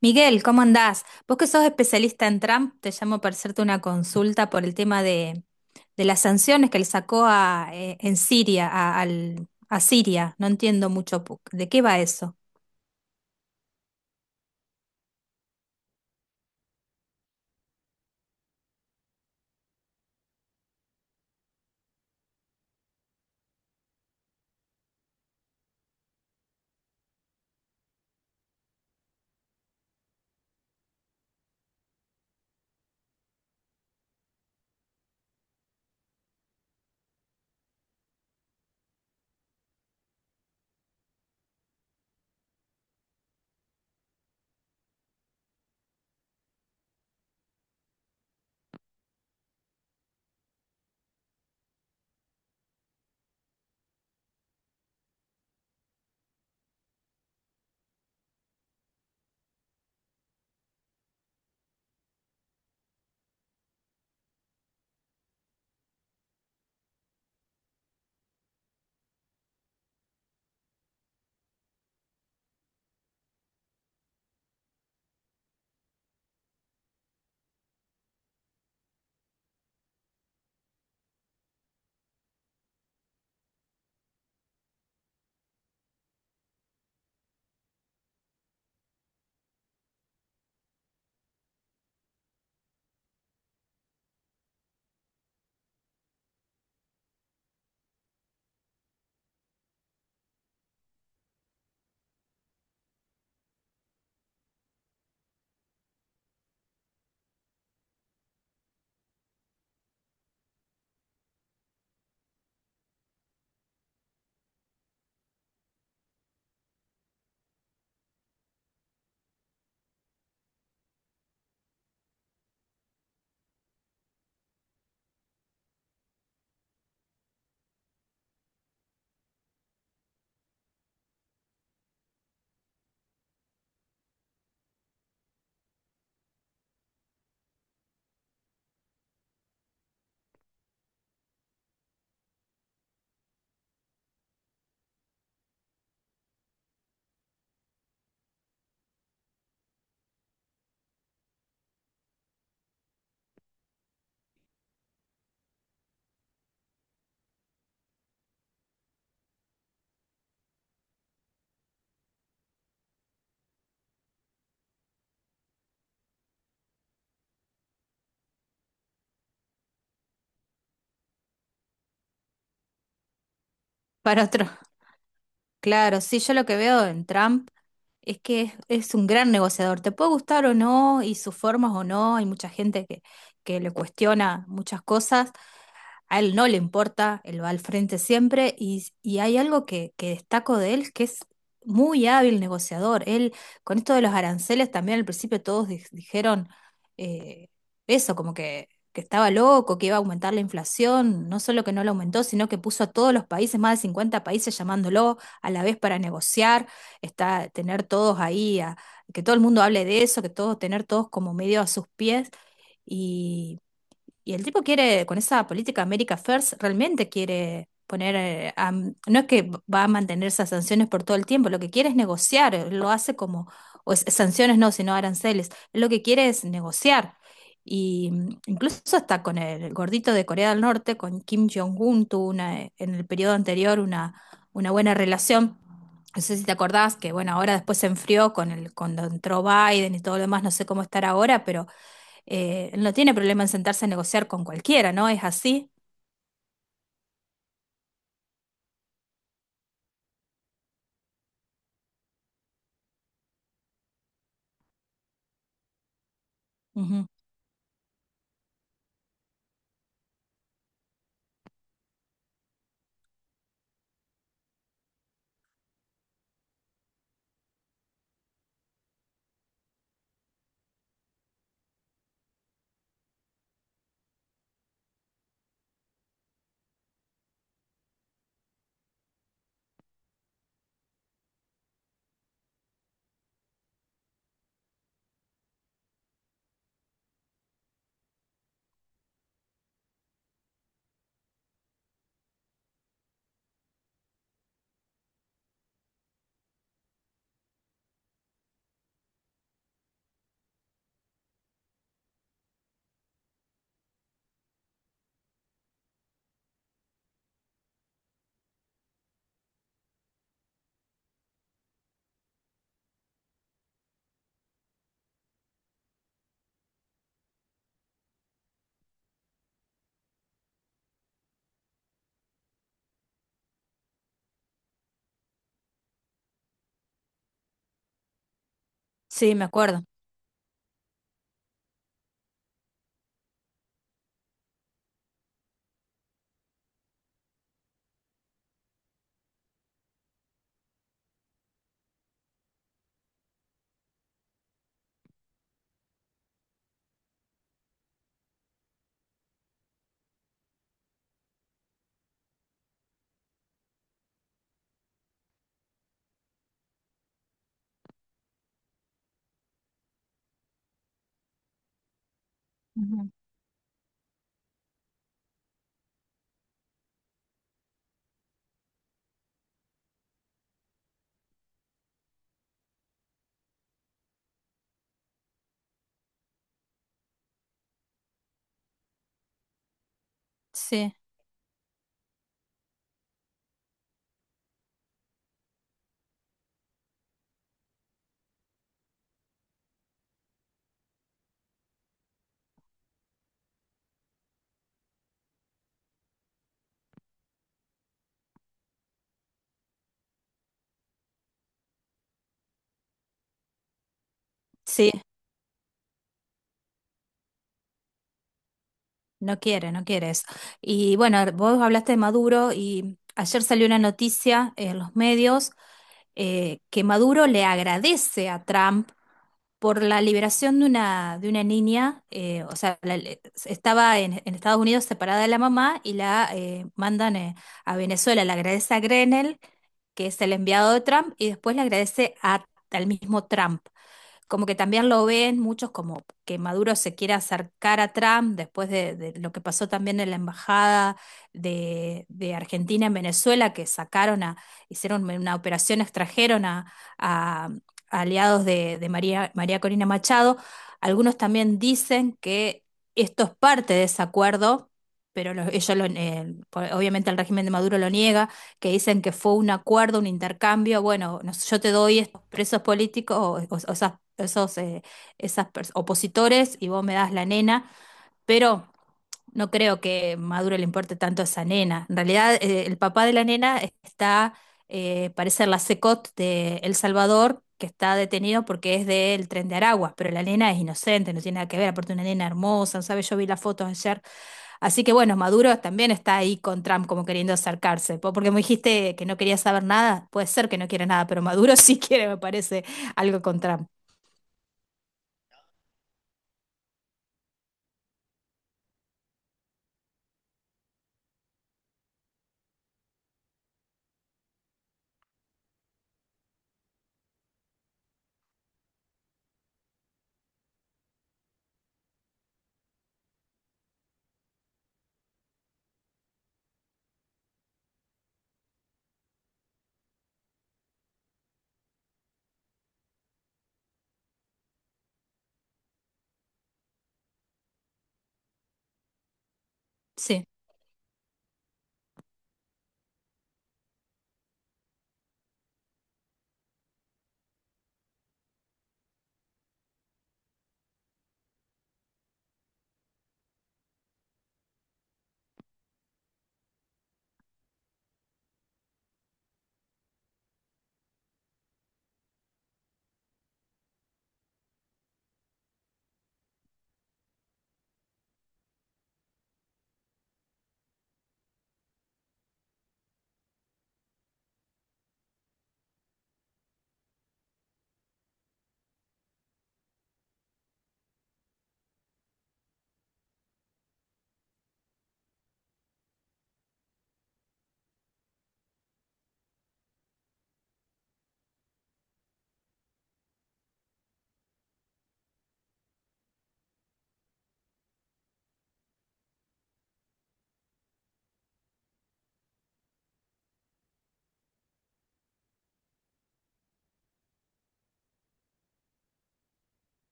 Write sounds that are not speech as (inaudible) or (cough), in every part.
Miguel, ¿cómo andás? Vos que sos especialista en Trump, te llamo para hacerte una consulta por el tema de las sanciones que le sacó en Siria, a Siria. No entiendo mucho de qué va eso. (laughs) Para otro. Claro, sí, yo lo que veo en Trump es que es un gran negociador. Te puede gustar o no, y sus formas o no. Hay mucha gente que le cuestiona muchas cosas, a él no le importa, él va al frente siempre y hay algo que destaco de él que es muy hábil negociador. Él, con esto de los aranceles, también al principio todos dijeron eh, eso, como que estaba loco, que iba a aumentar la inflación. No solo que no la aumentó, sino que puso a todos los países, más de 50 países, llamándolo a la vez para negociar, está, tener todos ahí, que todo el mundo hable de eso, que todos, tener todos como medio a sus pies. Y, y el tipo quiere, con esa política America First, realmente quiere poner, no es que va a mantener esas sanciones por todo el tiempo, lo que quiere es negociar, lo hace como, sanciones no, sino aranceles. Él lo que quiere es negociar. Y incluso hasta con el gordito de Corea del Norte, con Kim Jong-un, tuvo en el periodo anterior una buena relación. No sé si te acordás que, bueno, ahora después se enfrió cuando entró Biden y todo lo demás, no sé cómo estar ahora, pero no tiene problema en sentarse a negociar con cualquiera, ¿no? Es así. Ujú. Sí, me acuerdo. Sí, sí, no quiere, no quiere eso. Y bueno, vos hablaste de Maduro y ayer salió una noticia en los medios que Maduro le agradece a Trump por la liberación de una niña, o sea, estaba en Estados Unidos separada de la mamá y la mandan a Venezuela. Le agradece a Grenell, que es el enviado de Trump, y después le agradece al mismo Trump como que también lo ven muchos como que Maduro se quiere acercar a Trump después de lo que pasó también en la embajada de Argentina en Venezuela, que sacaron hicieron una operación, extrajeron a- a aliados de María Corina Machado. Algunos también dicen que esto es parte de ese acuerdo, pero obviamente el régimen de Maduro lo niega que dicen que fue un acuerdo, un intercambio, bueno, no sé, yo te doy estos presos políticos o esas, esos opositores y vos me das la nena, pero no creo que Maduro le importe tanto a esa nena. En realidad, el papá de la nena está, parece la CECOT de El Salvador, que está detenido porque es del tren de Aragua, pero la nena es inocente, no tiene nada que ver, aparte una nena hermosa, ¿sabes? Yo vi las fotos ayer. Así que bueno, Maduro también está ahí con Trump como queriendo acercarse, porque me dijiste que no quería saber nada, puede ser que no quiera nada, pero Maduro (laughs) sí quiere, me parece, algo con Trump. Sí,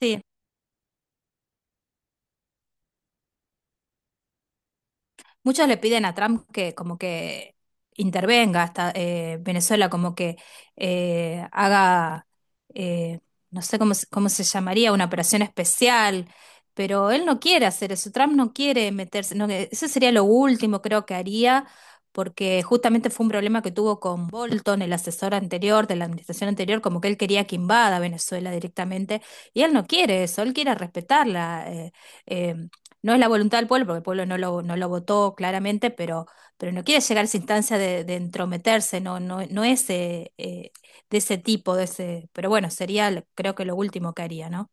sí, muchos le piden a Trump que como que intervenga hasta Venezuela, como que haga, eh, no sé cómo, cómo se llamaría, una operación especial, pero él no quiere hacer eso, Trump no quiere meterse, no, eso sería lo último creo que haría, porque justamente fue un problema que tuvo con Bolton, el asesor anterior de la administración anterior, como que él quería que invada Venezuela directamente, y él no quiere eso, él quiere respetarla eh, no es la voluntad del pueblo, porque el pueblo no lo votó claramente, pero no quiere llegar a esa instancia de entrometerse, no, no, no es de ese tipo, de ese, pero bueno, sería creo que lo último que haría, ¿no?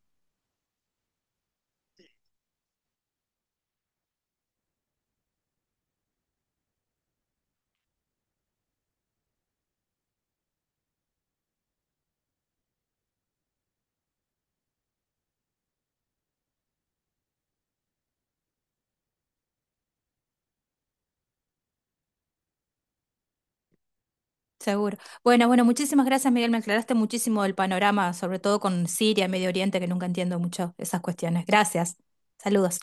Seguro. Bueno, bueno, muchísimas gracias, Miguel, me aclaraste muchísimo el panorama, sobre todo con Siria, Medio Oriente, que nunca entiendo mucho esas cuestiones. Gracias. Saludos.